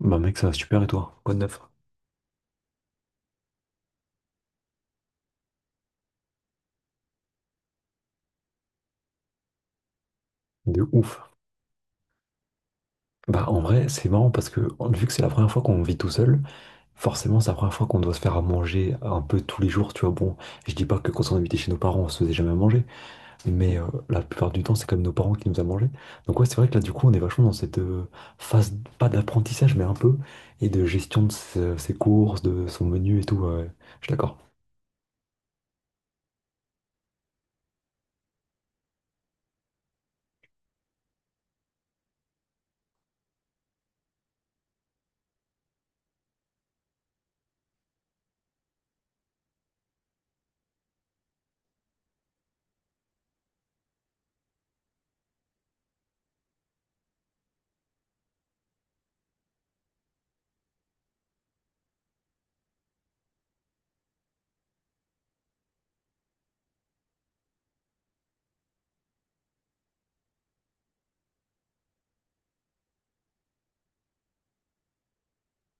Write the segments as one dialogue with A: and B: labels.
A: Bah mec, ça va super et toi? Quoi de neuf? De ouf. Bah en vrai, c'est marrant parce que vu que c'est la première fois qu'on vit tout seul, forcément c'est la première fois qu'on doit se faire à manger un peu tous les jours, tu vois. Bon, je dis pas que quand on habitait chez nos parents, on se faisait jamais à manger, mais la plupart du temps, c'est quand même nos parents qui nous a mangé. Donc ouais, c'est vrai que là du coup, on est vachement dans cette phase, pas d'apprentissage, mais un peu, et de gestion de ses courses, de son menu et tout. Ouais. Ouais, je suis d'accord.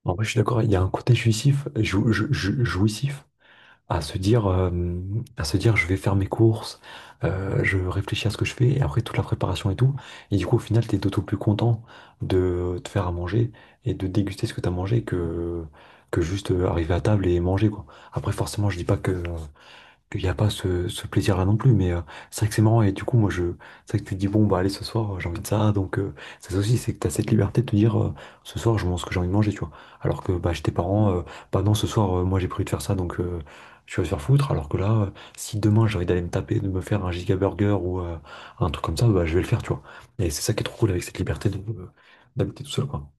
A: En vrai, je suis d'accord, il y a un côté jouissif, jouissif à se dire, euh, à se dire, je vais faire mes courses, je réfléchis à ce que je fais, et après toute la préparation et tout. Et du coup, au final, t'es d'autant plus content de te faire à manger et de déguster ce que t'as mangé que juste arriver à table et manger, quoi. Après, forcément, je dis pas que, qu'il n'y a pas ce plaisir-là non plus. Mais c'est vrai que c'est marrant. Et du coup, c'est vrai que tu te dis, bon, bah, allez, ce soir, j'ai envie de ça. Donc, c'est ça aussi, c'est que tu as cette liberté de te dire, ce soir, je mange ce que j'ai envie de manger, tu vois. Alors que, bah, chez tes parents, bah, non, ce soir, moi, j'ai prévu de faire ça, donc, tu vas te faire foutre. Alors que là, si demain, j'ai envie d'aller me taper, de me faire un giga burger ou un truc comme ça, bah, je vais le faire, tu vois. Et c'est ça qui est trop cool avec cette liberté de, d'habiter tout seul, quoi.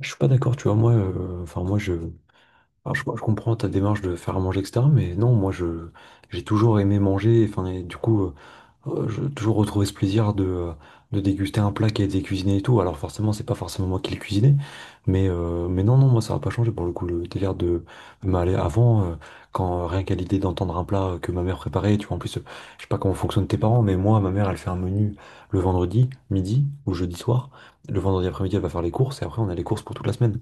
A: Je suis pas d'accord, tu vois. Moi, enfin, moi, je. Alors, je comprends ta démarche de faire à manger, etc. Mais non, j'ai toujours aimé manger. Enfin, et du coup, j'ai toujours retrouvé ce plaisir de déguster un plat qui a été cuisiné et tout. Alors, forcément, c'est pas forcément moi qui l'ai cuisiné. Mais moi, ça n'a pas changé pour le coup. Le délire de m'aller avant, quand rien qu'à l'idée d'entendre un plat que ma mère préparait, tu vois, en plus, je sais pas comment fonctionnent tes parents, mais moi, ma mère, elle fait un menu le vendredi, midi ou jeudi soir. Le vendredi après-midi, elle va faire les courses et après, on a les courses pour toute la semaine.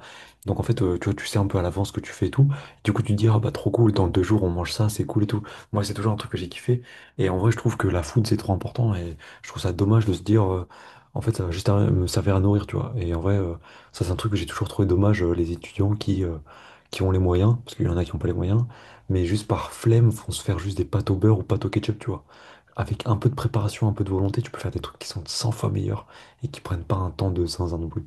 A: Donc en fait, tu vois, tu sais un peu à l'avance ce que tu fais et tout. Du coup, tu te dis, ah bah trop cool, dans deux jours on mange ça, c'est cool et tout. Moi, c'est toujours un truc que j'ai kiffé. Et en vrai, je trouve que la food, c'est trop important. Et je trouve ça dommage de se dire, en fait, ça va me servir à nourrir, tu vois. Et en vrai, ça, c'est un truc que j'ai toujours trouvé dommage, les étudiants qui ont les moyens, parce qu'il y en a qui n'ont pas les moyens, mais juste par flemme, vont se faire juste des pâtes au beurre ou pâtes au ketchup, tu vois. Avec un peu de préparation, un peu de volonté, tu peux faire des trucs qui sont 100 fois meilleurs et qui prennent pas un temps de zinzin non plus.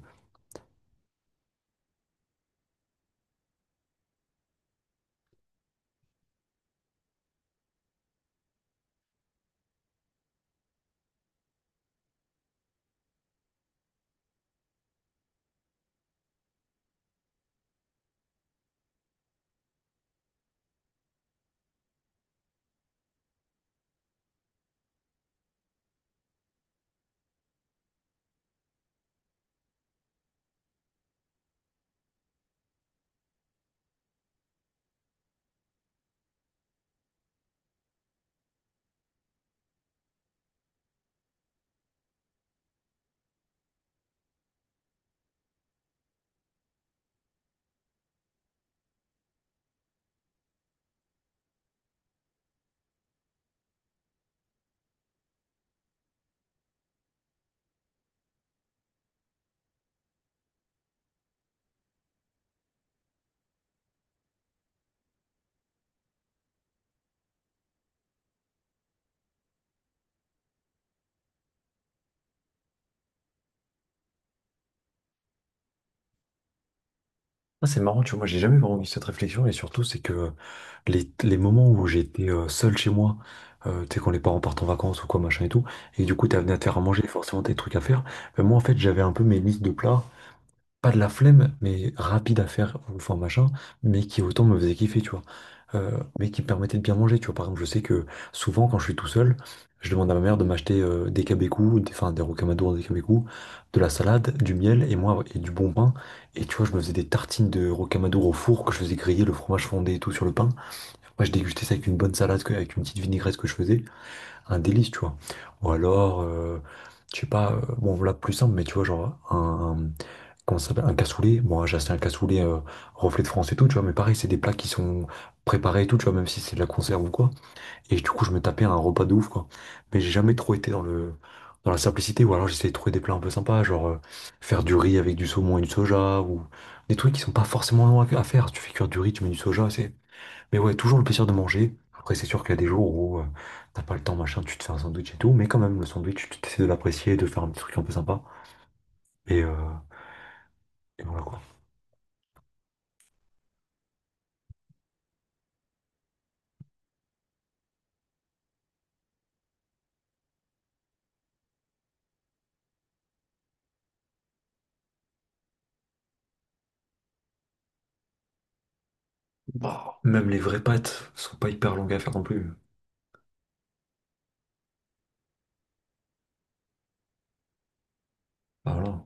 A: Ah, c'est marrant, tu vois, moi j'ai jamais vraiment eu cette réflexion et surtout c'est que les moments où j'étais seul chez moi, tu sais quand les parents partent en vacances ou quoi machin et tout, et du coup t'as venu à te faire à manger, forcément t'as des trucs à faire, moi en fait j'avais un peu mes listes de plats pas de la flemme, mais rapide à faire, enfin machin, mais qui autant me faisait kiffer, tu vois. Mais qui me permettait de bien manger, tu vois. Par exemple, je sais que souvent, quand je suis tout seul, je demande à ma mère de m'acheter des cabecous, des, enfin des rocamadours, des cabecous, de la salade, du miel et moi et du bon pain. Et tu vois, je me faisais des tartines de rocamadour au four que je faisais griller le fromage fondé et tout sur le pain. Moi, je dégustais ça avec une bonne salade, avec une petite vinaigrette que je faisais, un délice, tu vois. Ou alors, je sais pas, bon là plus simple, mais tu vois, comment ça s'appelle, un cassoulet. Bon, j'ai acheté un cassoulet reflet de France et tout, tu vois, mais pareil, c'est des plats qui sont préparés et tout, tu vois, même si c'est de la conserve ou quoi. Et du coup, je me tapais un repas de ouf, quoi. Mais j'ai jamais trop été dans le dans la simplicité, ou alors j'essayais de trouver des plats un peu sympas, faire du riz avec du saumon et du soja, ou des trucs qui sont pas forcément longs à faire. Si tu fais cuire du riz, tu mets du soja, c'est. Mais ouais, toujours le plaisir de manger. Après, c'est sûr qu'il y a des jours où t'as pas le temps, machin, tu te fais un sandwich et tout, mais quand même, le sandwich, tu essaies de l'apprécier, de faire un petit truc un peu sympa. Et, euh, et voilà quoi. Même les vraies pâtes sont pas hyper longues à faire non plus. Ah, voilà.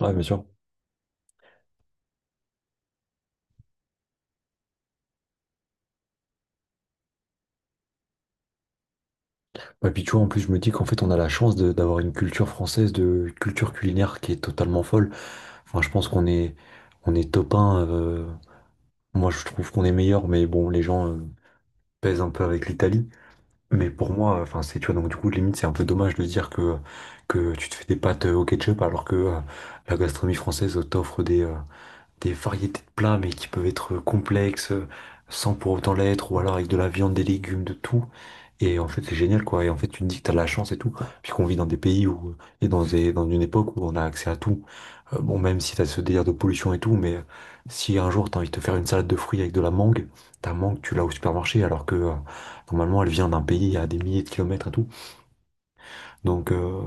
A: Ouais, bien sûr. Et puis tu vois, en plus, je me dis qu'en fait, on a d'avoir une culture française de culture culinaire qui est totalement folle. Enfin, je pense qu'on est, on est top un. Moi, je trouve qu'on est meilleur, mais bon, les gens pèsent un peu avec l'Italie. Mais pour moi, enfin, c'est, tu vois, donc du coup, limite, c'est un peu dommage de dire que tu te fais des pâtes au ketchup alors que la gastronomie française t'offre des variétés de plats, mais qui peuvent être complexes, sans pour autant l'être, ou alors avec de la viande, des légumes, de tout. Et en fait, c'est génial, quoi. Et en fait, tu te dis que t'as de la chance et tout. Puis qu'on vit dans des pays où, et dans dans une époque où on a accès à tout. Bon, même si t'as ce délire de pollution et tout, mais si un jour t'as envie de te faire une salade de fruits avec de la mangue, ta mangue, tu l'as au supermarché, alors que normalement, elle vient d'un pays à des milliers de kilomètres et tout. Donc,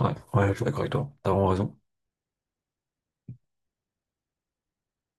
A: ouais, je suis d'accord avec toi. T'as vraiment raison.